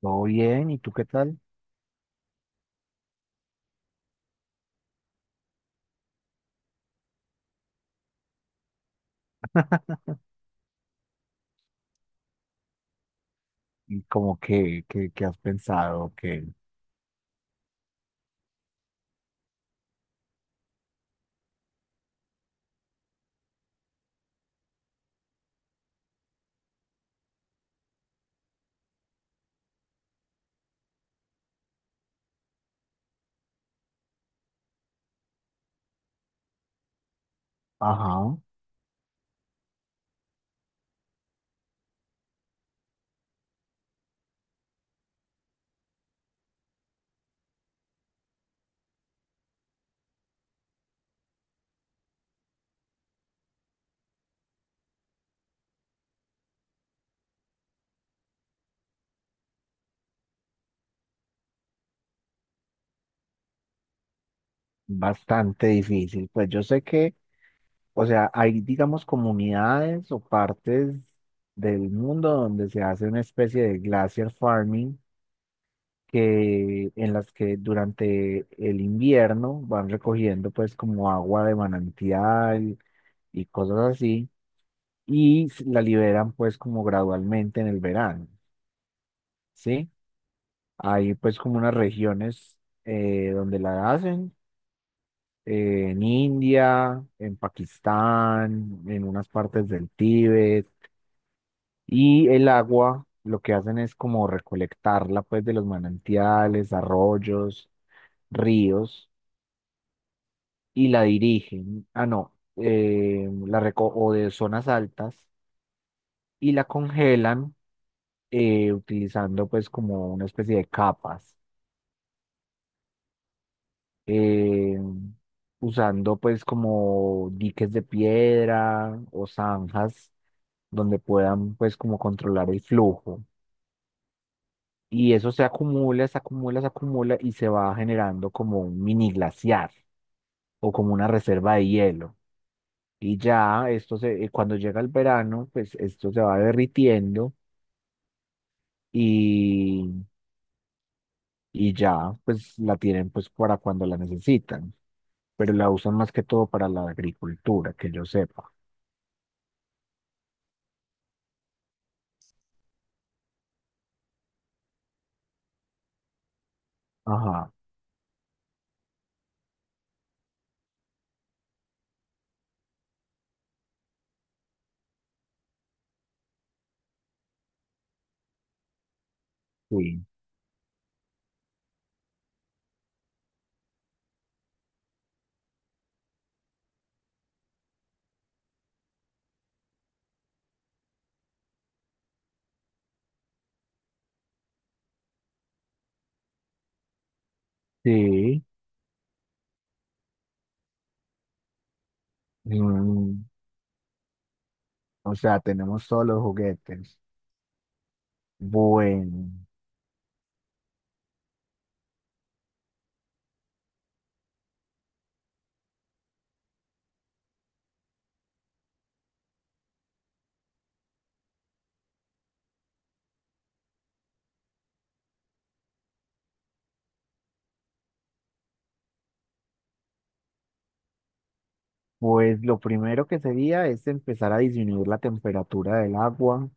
Todo bien, ¿y tú qué tal? ¿Y como que has pensado ajá, bastante difícil? Pues yo sé que, o sea, hay, digamos, comunidades o partes del mundo donde se hace una especie de glacier farming que, en las que durante el invierno van recogiendo pues como agua de manantial y cosas así y la liberan pues como gradualmente en el verano, ¿sí? Hay pues como unas regiones donde la hacen, en India, en Pakistán, en unas partes del Tíbet. Y el agua lo que hacen es como recolectarla pues de los manantiales, arroyos, ríos y la dirigen, ah no, la reco o de zonas altas y la congelan utilizando pues como una especie de capas. eh, Usando pues como diques de piedra o zanjas donde puedan pues como controlar el flujo. Y eso se acumula y se va generando como un mini glaciar o como una reserva de hielo. Y ya esto se, cuando llega el verano, pues esto se va derritiendo y, y ya pues la tienen pues para cuando la necesitan. Pero la usan más que todo para la agricultura, que yo sepa. Ajá, sí, sí. Mm, o sea, tenemos todos los juguetes. Bueno, pues lo primero que sería es empezar a disminuir la temperatura del agua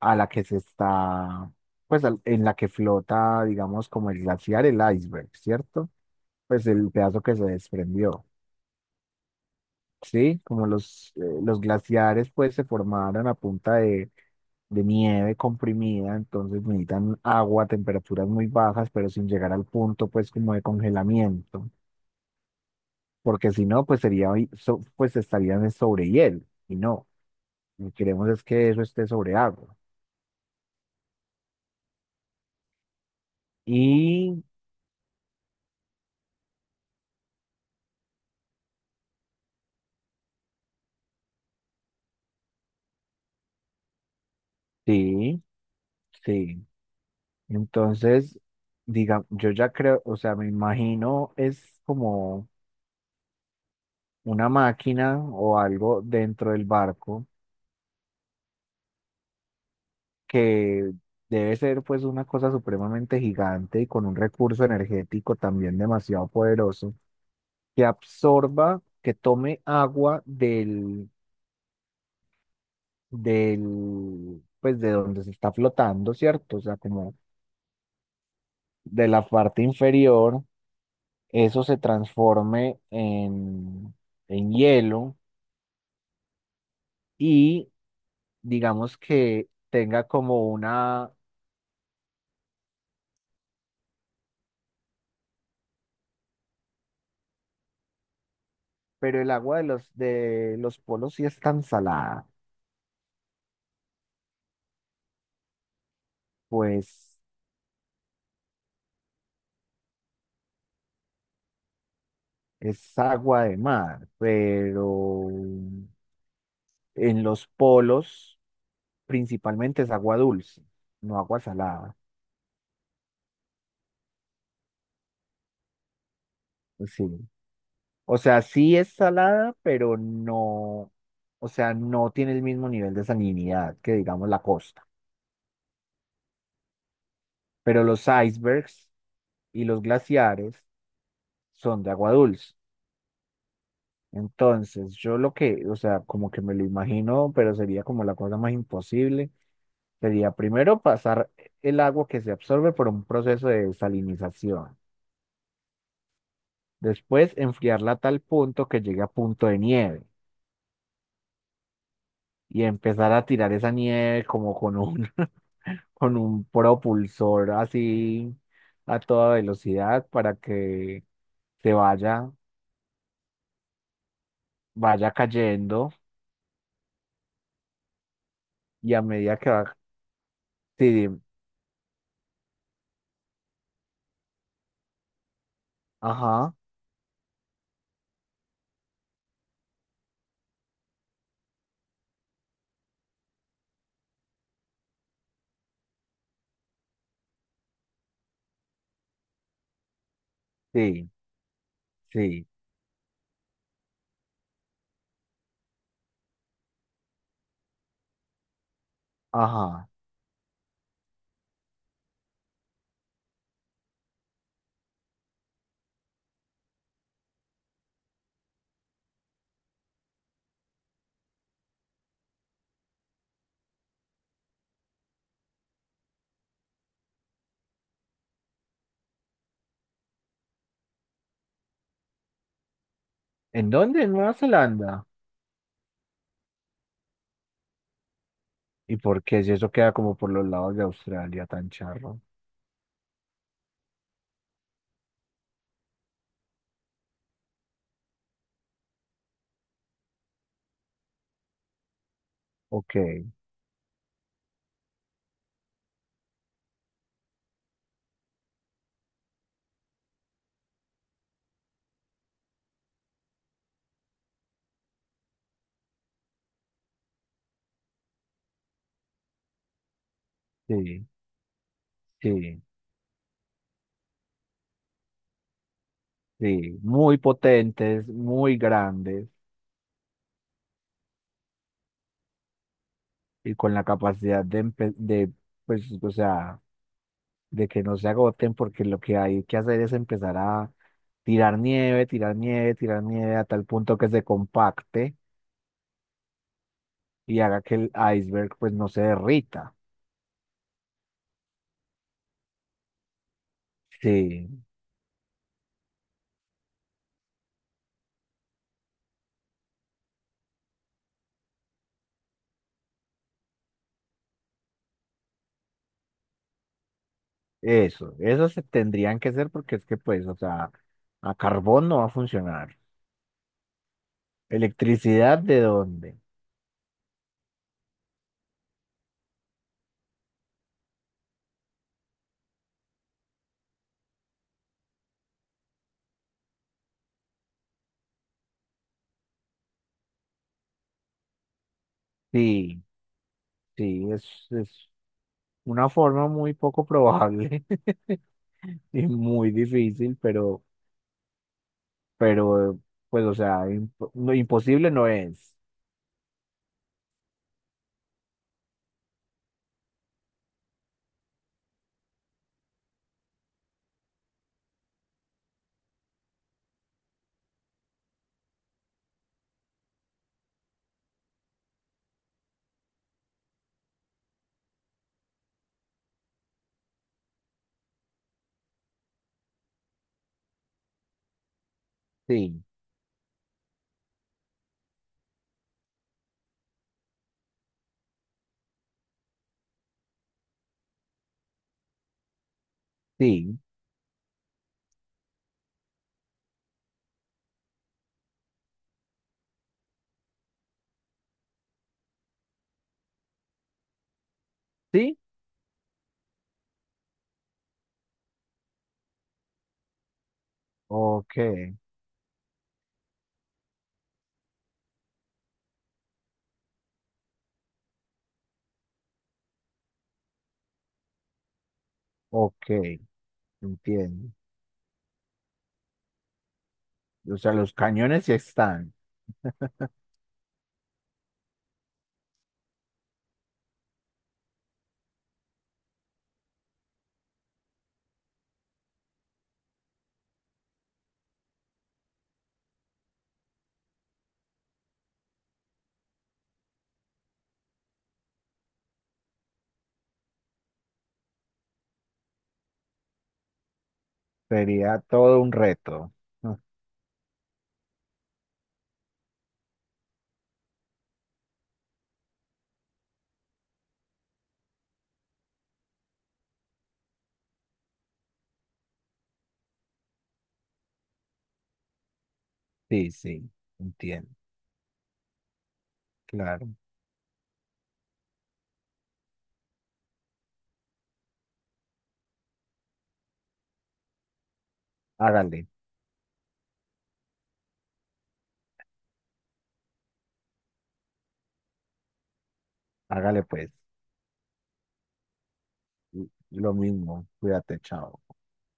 a la que se está, pues al- en la que flota, digamos, como el glaciar, el iceberg, ¿cierto? Pues el pedazo que se desprendió. Sí, como los glaciares pues se formaron a punta de nieve comprimida, entonces necesitan agua a temperaturas muy bajas, pero sin llegar al punto pues como de congelamiento, porque si no pues sería, hoy- so- pues estarían en sobre hielo, y no, lo que queremos es que eso esté sobre agua. Y sí, sí, entonces, diga, yo ya creo, o sea, me imagino es como una máquina o algo dentro del barco que debe ser pues una cosa supremamente gigante y con un recurso energético también demasiado poderoso, que absorba, que tome agua del, pues de donde se está flotando, ¿cierto? O sea, como de la parte inferior, eso se transforme en hielo y digamos que tenga como una, pero el agua de los polos sí es tan salada, pues es agua de mar, pero en los polos principalmente es agua dulce, no agua salada. Pues sí. O sea, sí es salada, pero no, o sea, no tiene el mismo nivel de salinidad que, digamos, la costa. Pero los icebergs y los glaciares son de agua dulce. Entonces, yo lo que, o sea, como que me lo imagino, pero sería como la cosa más imposible. Sería primero pasar el agua que se absorbe por un proceso de desalinización, después enfriarla a tal punto que llegue a punto de nieve y empezar a tirar esa nieve como con un, con un propulsor así a toda velocidad para que se vaya, vaya cayendo y a medida que va, sí, ajá, sí, sí, ajá. ¿En dónde? En Nueva Zelanda. ¿Y por qué si eso queda como por los lados de Australia tan charro? Ok, sí, sí, sí, muy potentes, muy grandes y con la capacidad de, pues, o sea, de que no se agoten porque lo que hay que hacer es empezar a tirar nieve, tirar nieve, tirar nieve a tal punto que se compacte y haga que el iceberg pues no se derrita. Sí, eso se tendrían que hacer porque es que pues, o sea, a carbón no va a funcionar. ¿Electricidad de dónde? Sí, sí, es una forma muy poco probable y muy difícil, pero, pues, o sea, imp- no, imposible no es. Sí, sí, sí. Ok, ok, entiendo. O sea, los cañones sí están. Sería todo un reto. Ah, sí, sí, entiendo. Claro. Hágale, hágale pues. Lo mismo. Cuídate, chao.